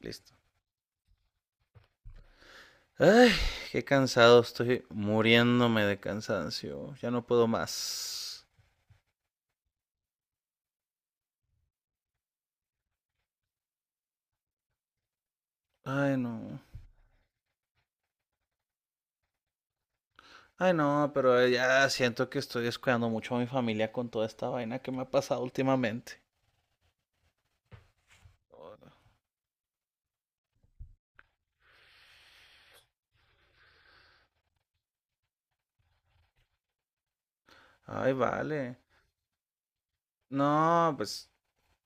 Listo. Ay, qué cansado, estoy muriéndome de cansancio. Ya no puedo más. Ay, no. Ay, no, pero ya siento que estoy descuidando mucho a mi familia con toda esta vaina que me ha pasado últimamente. Ay, vale. No, pues,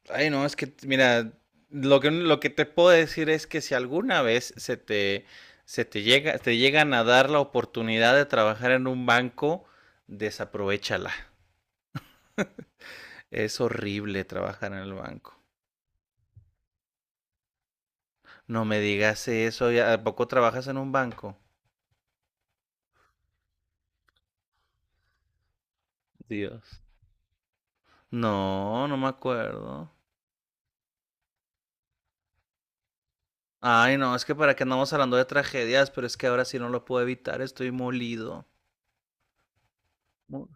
ay, no, es que, mira, lo que te puedo decir es que si alguna vez te llegan a dar la oportunidad de trabajar en un banco, desaprovechala. Es horrible trabajar en el banco. No me digas eso, ¿y a poco trabajas en un banco? Dios. No, no me acuerdo. Ay, no, es que para qué andamos hablando de tragedias, pero es que ahora sí no lo puedo evitar, estoy molido. Mu-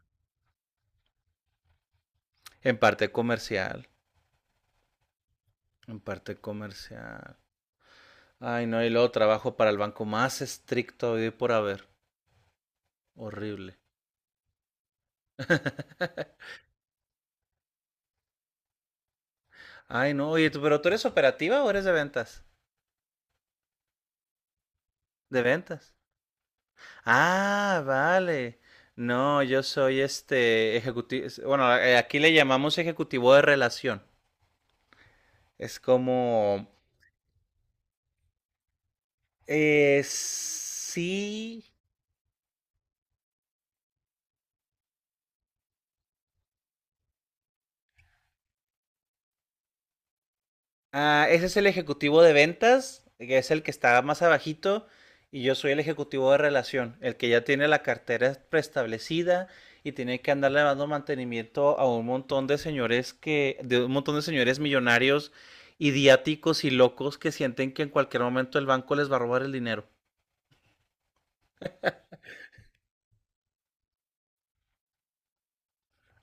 En parte comercial, en parte comercial. Ay, no, y luego trabajo para el banco más estricto hoy por haber. Horrible. Ay, no, oye, pero tú eres operativa o eres de ventas? De ventas. Ah, vale. No, yo soy este ejecutivo, bueno, aquí le llamamos ejecutivo de relación. Es como, sí. Ah, ese es el ejecutivo de ventas, que es el que está más abajito, y yo soy el ejecutivo de relación, el que ya tiene la cartera preestablecida y tiene que andarle dando mantenimiento a un montón de señores que, de un montón de señores millonarios, idiáticos y locos que sienten que en cualquier momento el banco les va a robar el dinero.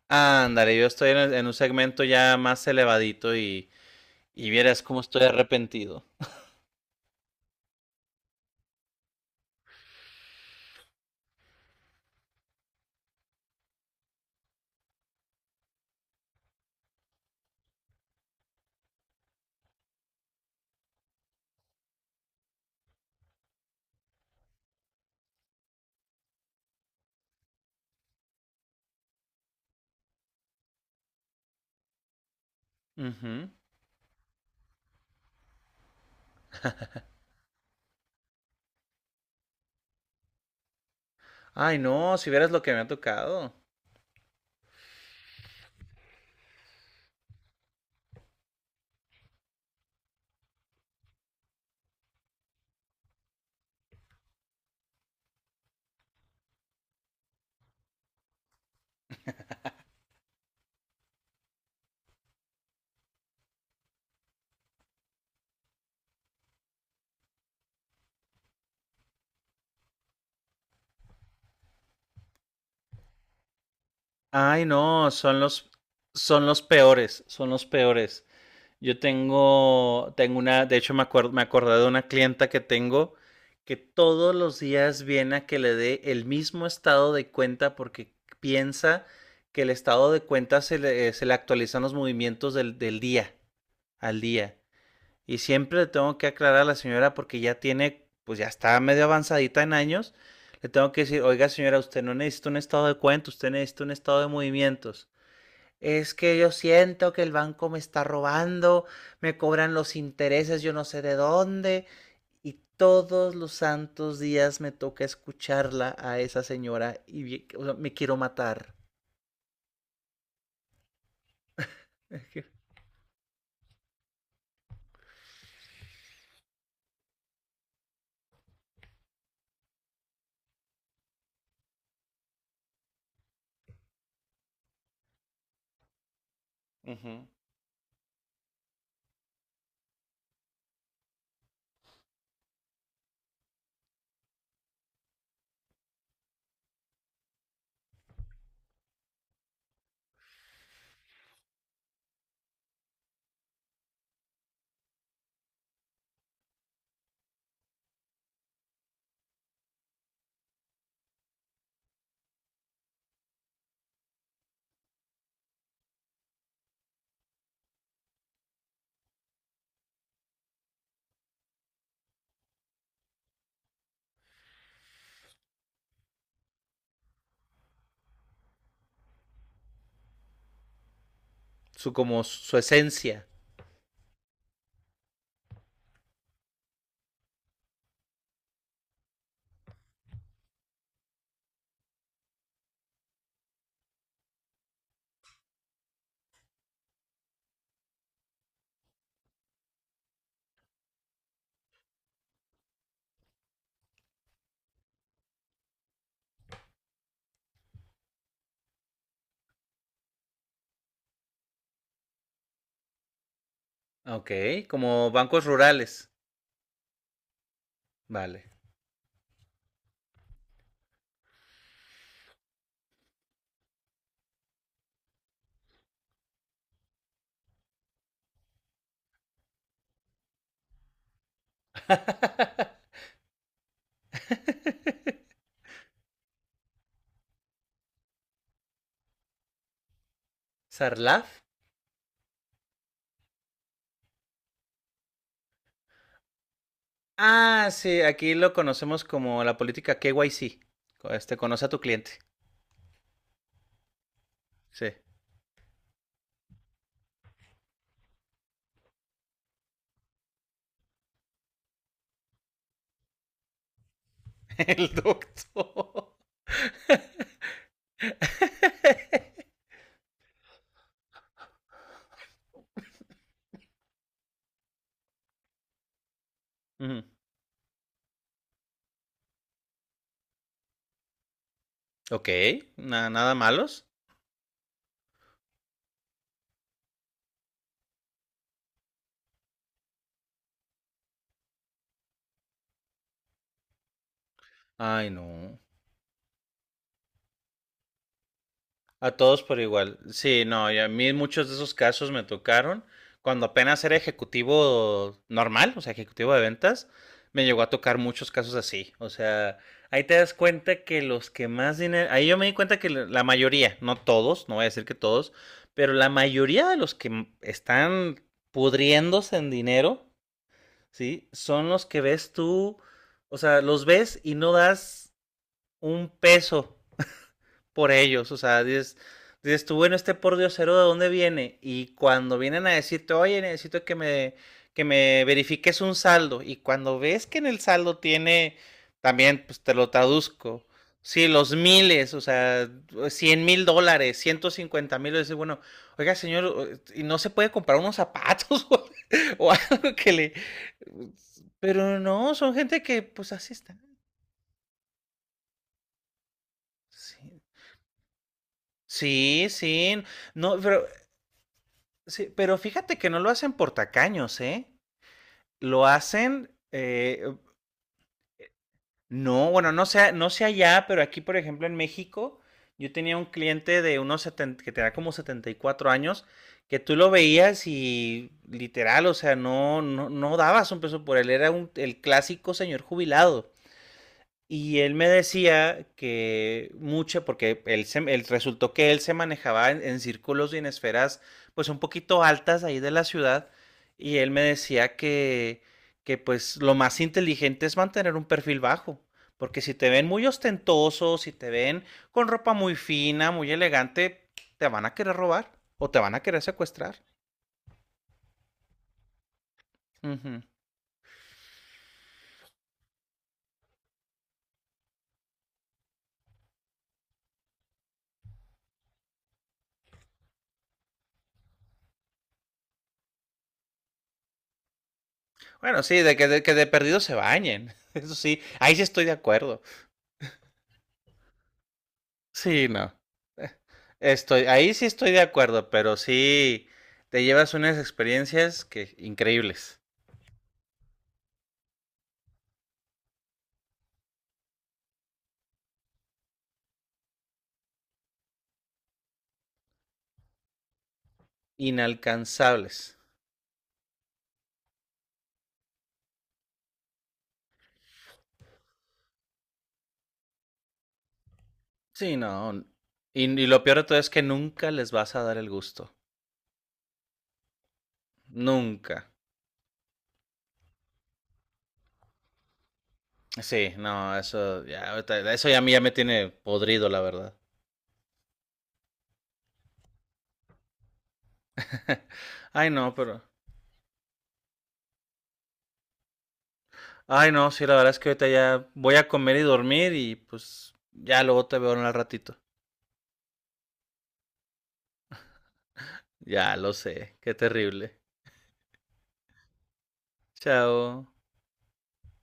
Ándale, yo estoy en, en un segmento ya más elevadito y vieras cómo estoy arrepentido. Ujú. Ay, no, si vieras lo que me ha tocado. Ay, no, son los peores, son los peores. Tengo una, de hecho me acordé de una clienta que tengo que todos los días viene a que le dé el mismo estado de cuenta porque piensa que el estado de cuenta se le actualizan los movimientos del día al día. Y siempre le tengo que aclarar a la señora porque ya tiene, pues ya está medio avanzadita en años. Le tengo que decir, oiga señora, usted no necesita un estado de cuenta, usted necesita un estado de movimientos. Es que yo siento que el banco me está robando, me cobran los intereses, yo no sé de dónde. Y todos los santos días me toca escucharla a esa señora y o sea, me quiero matar. Ujú. Su como su esencia. Ok, como bancos rurales. Vale. ¿Sarlaf? Ah, sí, aquí lo conocemos como la política KYC. Este, conoce a tu cliente. Sí. El doctor. Ujú. Ok, nada malos. Ay, no. A todos por igual. Sí, no, y a mí muchos de esos casos me tocaron cuando apenas era ejecutivo normal, o sea, ejecutivo de ventas, me llegó a tocar muchos casos así. O sea, ahí te das cuenta que los que más dinero, ahí yo me di cuenta que la mayoría, no todos, no voy a decir que todos, pero la mayoría de los que están pudriéndose en dinero ¿sí? Son los que ves tú, o sea, los ves y no das un peso por ellos, o sea, dices, dices tú, bueno, este por Diosero, ¿de dónde viene? Y cuando vienen a decirte, oye, necesito que me, verifiques un saldo, y cuando ves que en el saldo tiene, también, pues te lo traduzco, sí, los miles, o sea, $100,000, 150,000, dices, bueno, oiga, señor, y no se puede comprar unos zapatos o algo que le... Pero no, son gente que, pues así está. Sí, sí, sí. No, pero sí, pero fíjate que no lo hacen por tacaños, ¿eh? Lo hacen, no, bueno, no sé, no sé allá, pero aquí, por ejemplo, en México, yo tenía un cliente de unos 70, que tenía como 74 años, que tú lo veías y literal, o sea, no, no, no dabas un peso por él, era un, el clásico señor jubilado. Y él me decía que mucho, porque él, él resultó que él se manejaba en círculos y en esferas pues un poquito altas ahí de la ciudad, y él me decía que, pues lo más inteligente es mantener un perfil bajo, porque si te ven muy ostentoso, si te ven con ropa muy fina, muy elegante, te van a querer robar o te van a querer secuestrar. Ujú. Bueno, sí, de que de, que de perdido se bañen, eso sí, ahí sí estoy de acuerdo. Sí, no. Estoy, ahí sí estoy de acuerdo, pero sí te llevas unas experiencias que increíbles, inalcanzables. Sí, no. Y lo peor de todo es que nunca les vas a dar el gusto. Nunca. Sí, no, eso ya, eso ya a mí ya me tiene podrido, la verdad. Ay, no, pero. Ay, no, sí, la verdad es que ahorita ya voy a comer y dormir y pues ya luego te veo en el ratito. Ya lo sé, qué terrible. Chao.